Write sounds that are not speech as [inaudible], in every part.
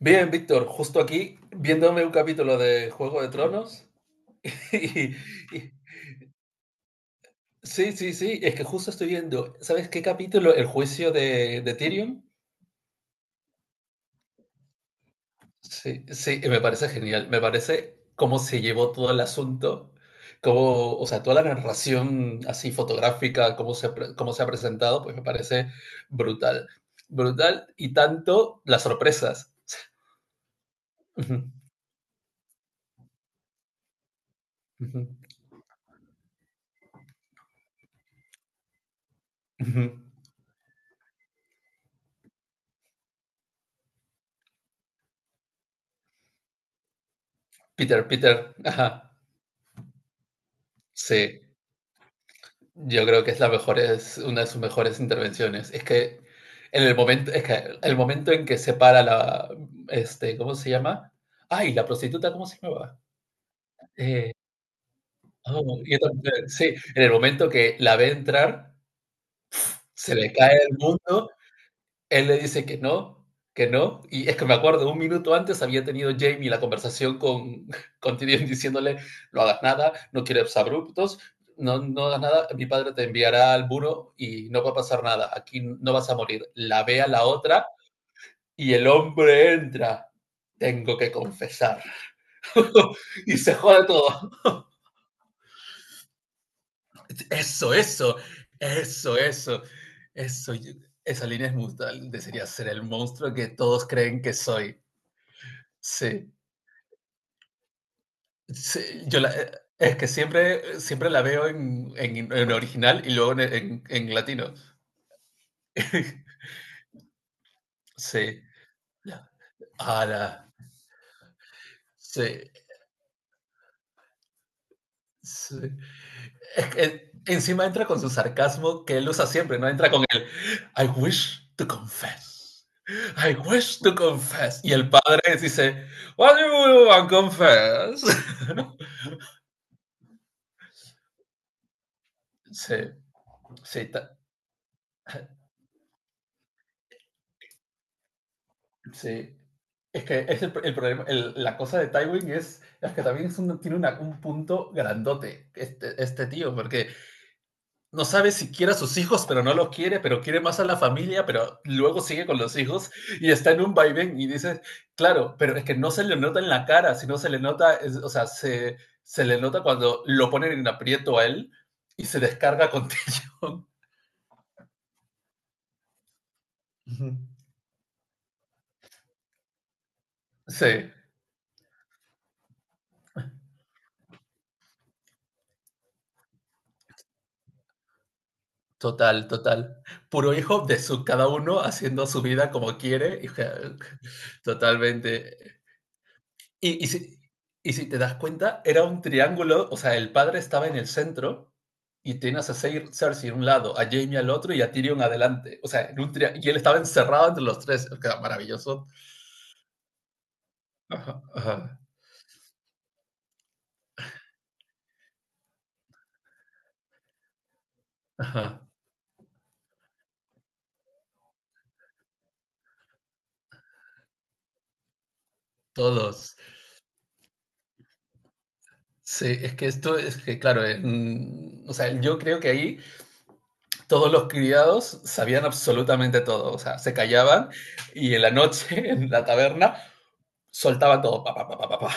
Bien, Víctor, justo aquí viéndome un capítulo de Juego de Tronos. [laughs] Y, y- sí, sí, sí, es que justo estoy viendo, ¿sabes qué capítulo? El juicio de Tyrion. Sí, sí, y me parece genial. Me parece cómo se llevó todo el asunto, cómo, o sea, toda la narración así fotográfica, cómo se ha presentado, pues me parece brutal. Brutal y tanto las sorpresas. [laughs] Ujú, ujú, ujú. Peter, Peter, ajá, sí. Yo creo que es la mejor, es una de sus mejores intervenciones. Es que el momento en que se para la, ¿cómo se llama? Ay, la prostituta, ¿cómo se llamaba? Eh, sí, en el momento que la ve entrar, se le cae el mundo. Él le dice que no, que no. Y es que me acuerdo, un minuto antes había tenido Jamie la conversación con, [laughs] con Tyrion diciéndole, no hagas nada, no quieres abruptos, no, no hagas nada, mi padre te enviará al muro y no va a pasar nada, aquí no vas a morir. La ve a la otra y el hombre entra. Tengo que confesar. [laughs] Y se jode todo. Eso, eso, eso, eso, eso. Esa línea es brutal. Desearía ser el monstruo que todos creen que soy. Sí. Sí, yo la es que siempre siempre la veo en original y luego en latino. [laughs] Sí. Ala, sí, sí. Es que encima entra con su sarcasmo que él usa siempre, ¿no? Entra con el: "I wish to confess, I wish to confess", y el padre dice: "What do you want to confess?" [laughs] Sí, sí, ta. Sí. Es que es el problema, la cosa de Tywin es que también es tiene un punto grandote este tío, porque no sabe si quiere a sus hijos, pero no los quiere, pero quiere más a la familia, pero luego sigue con los hijos y está en un vaivén y dice, claro, pero es que no se le nota en la cara, sino se le nota, o sea, se le nota cuando lo ponen en aprieto a él y se descarga con [laughs] Tyrion. Ujú. Sí. Total, total. Puro hijo de su cada uno haciendo su vida como quiere. Y ja. [laughs] Totalmente. Y, y si, y si te das cuenta, era un triángulo, o sea, el padre estaba en el centro y tenías a Cersei a un lado, a Jaime al otro y a Tyrion adelante. O sea, y él estaba encerrado entre los tres. Que era maravilloso. Ajá, ajá, ajá. Todos. Sí, es que esto es que, claro, o sea, yo creo que ahí todos los criados sabían absolutamente todo, o sea, se callaban y en la noche, [laughs] en la taberna, soltaban todo. Pa, pa, pa, pa, pa.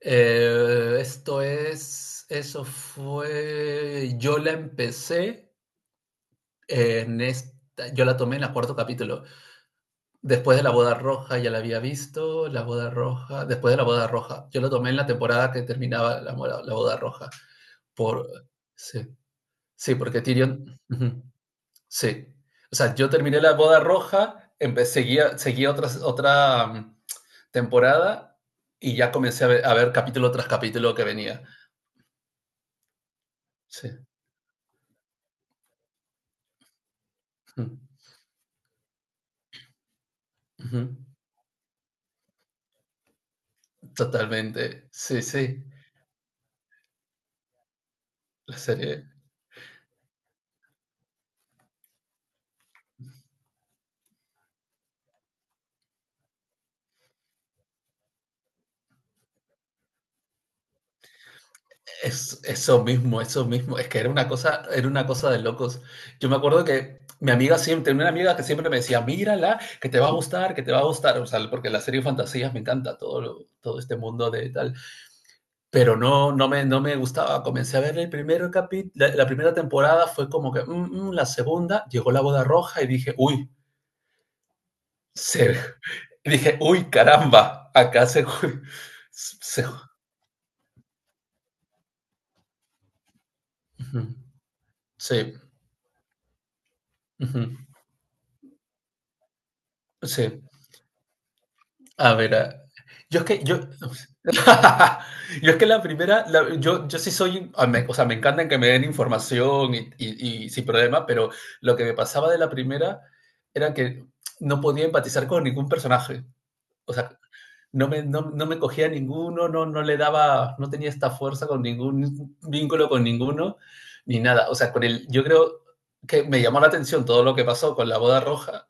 Esto es, eso fue, yo la empecé yo la tomé en el cuarto capítulo. Después de la boda roja ya la había visto, la boda roja, después de la boda roja, yo la tomé en la temporada que terminaba la boda roja. Por, sí, sí, porque Tyrion... Uh-huh. Sí. O sea, yo terminé la boda roja, seguía, seguía temporada y ya comencé a ver capítulo tras capítulo que venía. Sí. Ujú. Ujú. Totalmente. Sí, sí. La serie. Es eso mismo, eso mismo. Es que era una cosa de locos. Yo me acuerdo que mi amiga siempre, tenía una amiga que siempre me decía, mírala, que te va a gustar, que te va a gustar. O sea, porque la serie de fantasías me encanta todo, todo este mundo de tal. Pero no me gustaba. Comencé a ver el primer capítulo, la primera temporada fue como que, la segunda, llegó la boda roja y dije, uy, se, dije, uy, caramba, acá se... se- ujú, sí, ujú, sí. A ver, ah, yo... [laughs] Yo es que la primera, yo sí soy, ah, o sea, me encantan que me den información y sin problema, pero lo que me pasaba de la primera era que no podía empatizar con ningún personaje. O sea, no me cogía ninguno, no le daba, no tenía esta fuerza con ningún vínculo con ninguno, ni nada. O sea, con el, yo creo que me llamó la atención todo lo que pasó con la boda roja,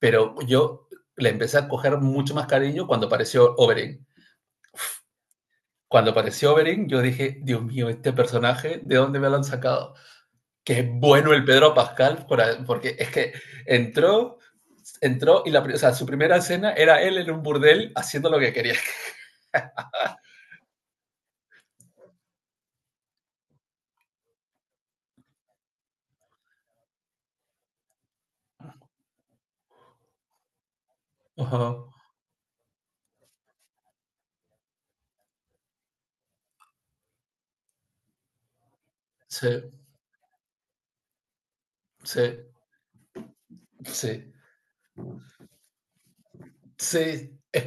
pero yo le empecé a coger mucho más cariño cuando apareció Oberyn. Cuando apareció Oberyn, yo dije, Dios mío, este personaje, ¿de dónde me lo han sacado? Qué bueno el Pedro Pascal, porque es que entró, entró y la, o sea, su primera escena era él en un burdel haciendo lo que quería. Uh -huh. Sí. Sí, sí, sí, es,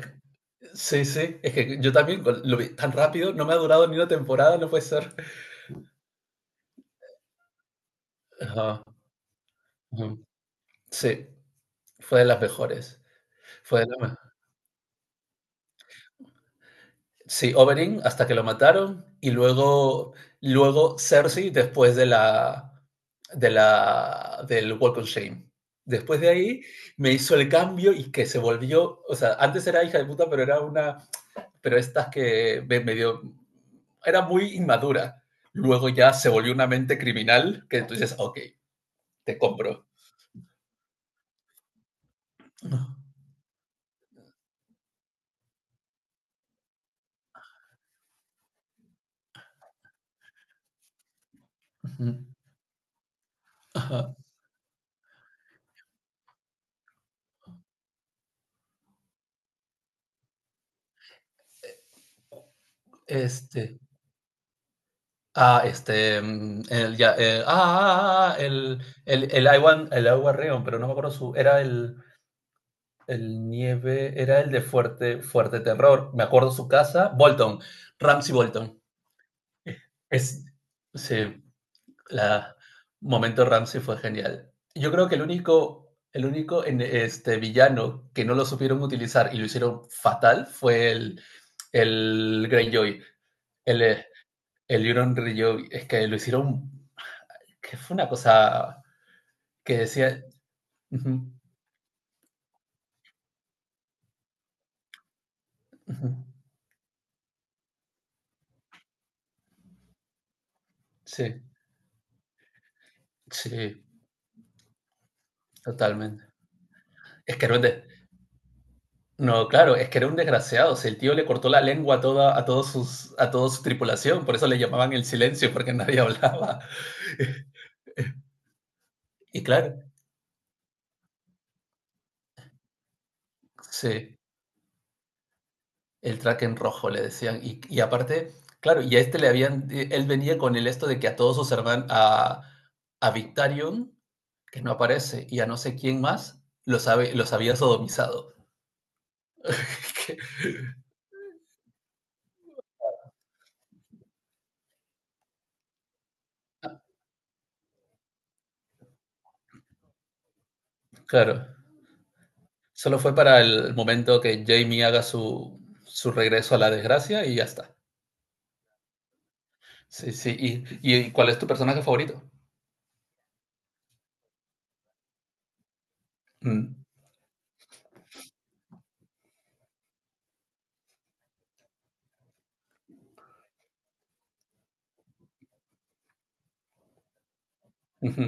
sí, sí, es que yo también lo vi tan rápido, no me ha durado ni una temporada, no puede ser. Ajá, ujú. Sí, fue de las mejores, fue de las me- sí, Oberyn hasta que lo mataron y luego, luego Cersei después de del Walk of Shame. Después de ahí me hizo el cambio y que se volvió, o sea, antes era hija de puta, pero era una, pero estas que me medio... Era muy inmadura. Luego ya se volvió una mente criminal que entonces dices, ok, te compro. Este, ah, este, mm, el, ya, el- ah, ah, ah, ah, ah, el agua Want pero no me acuerdo su, era el nieve, era el de fuerte, fuerte terror, me acuerdo su casa, Bolton, Ramsay Bolton, es, sí. La momento Ramsey fue genial. Yo creo que el único, villano que no lo supieron utilizar y lo hicieron fatal fue el Greyjoy, el, eh, el Euron Greyjoy. Es que lo hicieron, que fue una cosa que decía... ujú, ujú, sí, sí, totalmente. Es que era no, claro, es que era un desgraciado. O sea, el tío le cortó la lengua a toda, a todos sus, a toda su tripulación, por eso le llamaban el silencio, porque nadie hablaba. [laughs] Y claro, sí, el Kraken rojo le decían. Y aparte, claro, y a este le habían, él venía con el esto de que a todos sus hermanos, a Victarion, que no aparece, y a no sé quién más, los, los había sodomizado. [laughs] Claro, solo fue para el momento que Jamie haga su, su regreso a la desgracia y ya está. Sí, sí. ¿Y cuál es tu personaje favorito? Mm, ujú.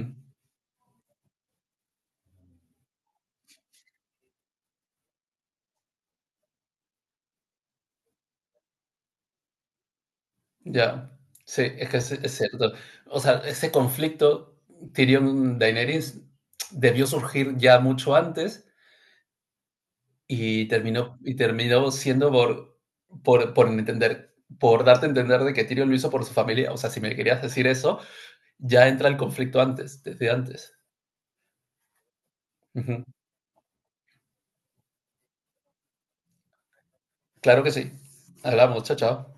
Ya, sí, es que es cierto. O sea, ese conflicto Tyrion-Daenerys debió surgir ya mucho antes y terminó siendo por entender, por darte a entender de que Tyrion lo hizo por su familia. O sea, si me querías decir eso, ya entra el conflicto antes, desde antes. Ujú. Claro que sí. Hablamos, chao, chao.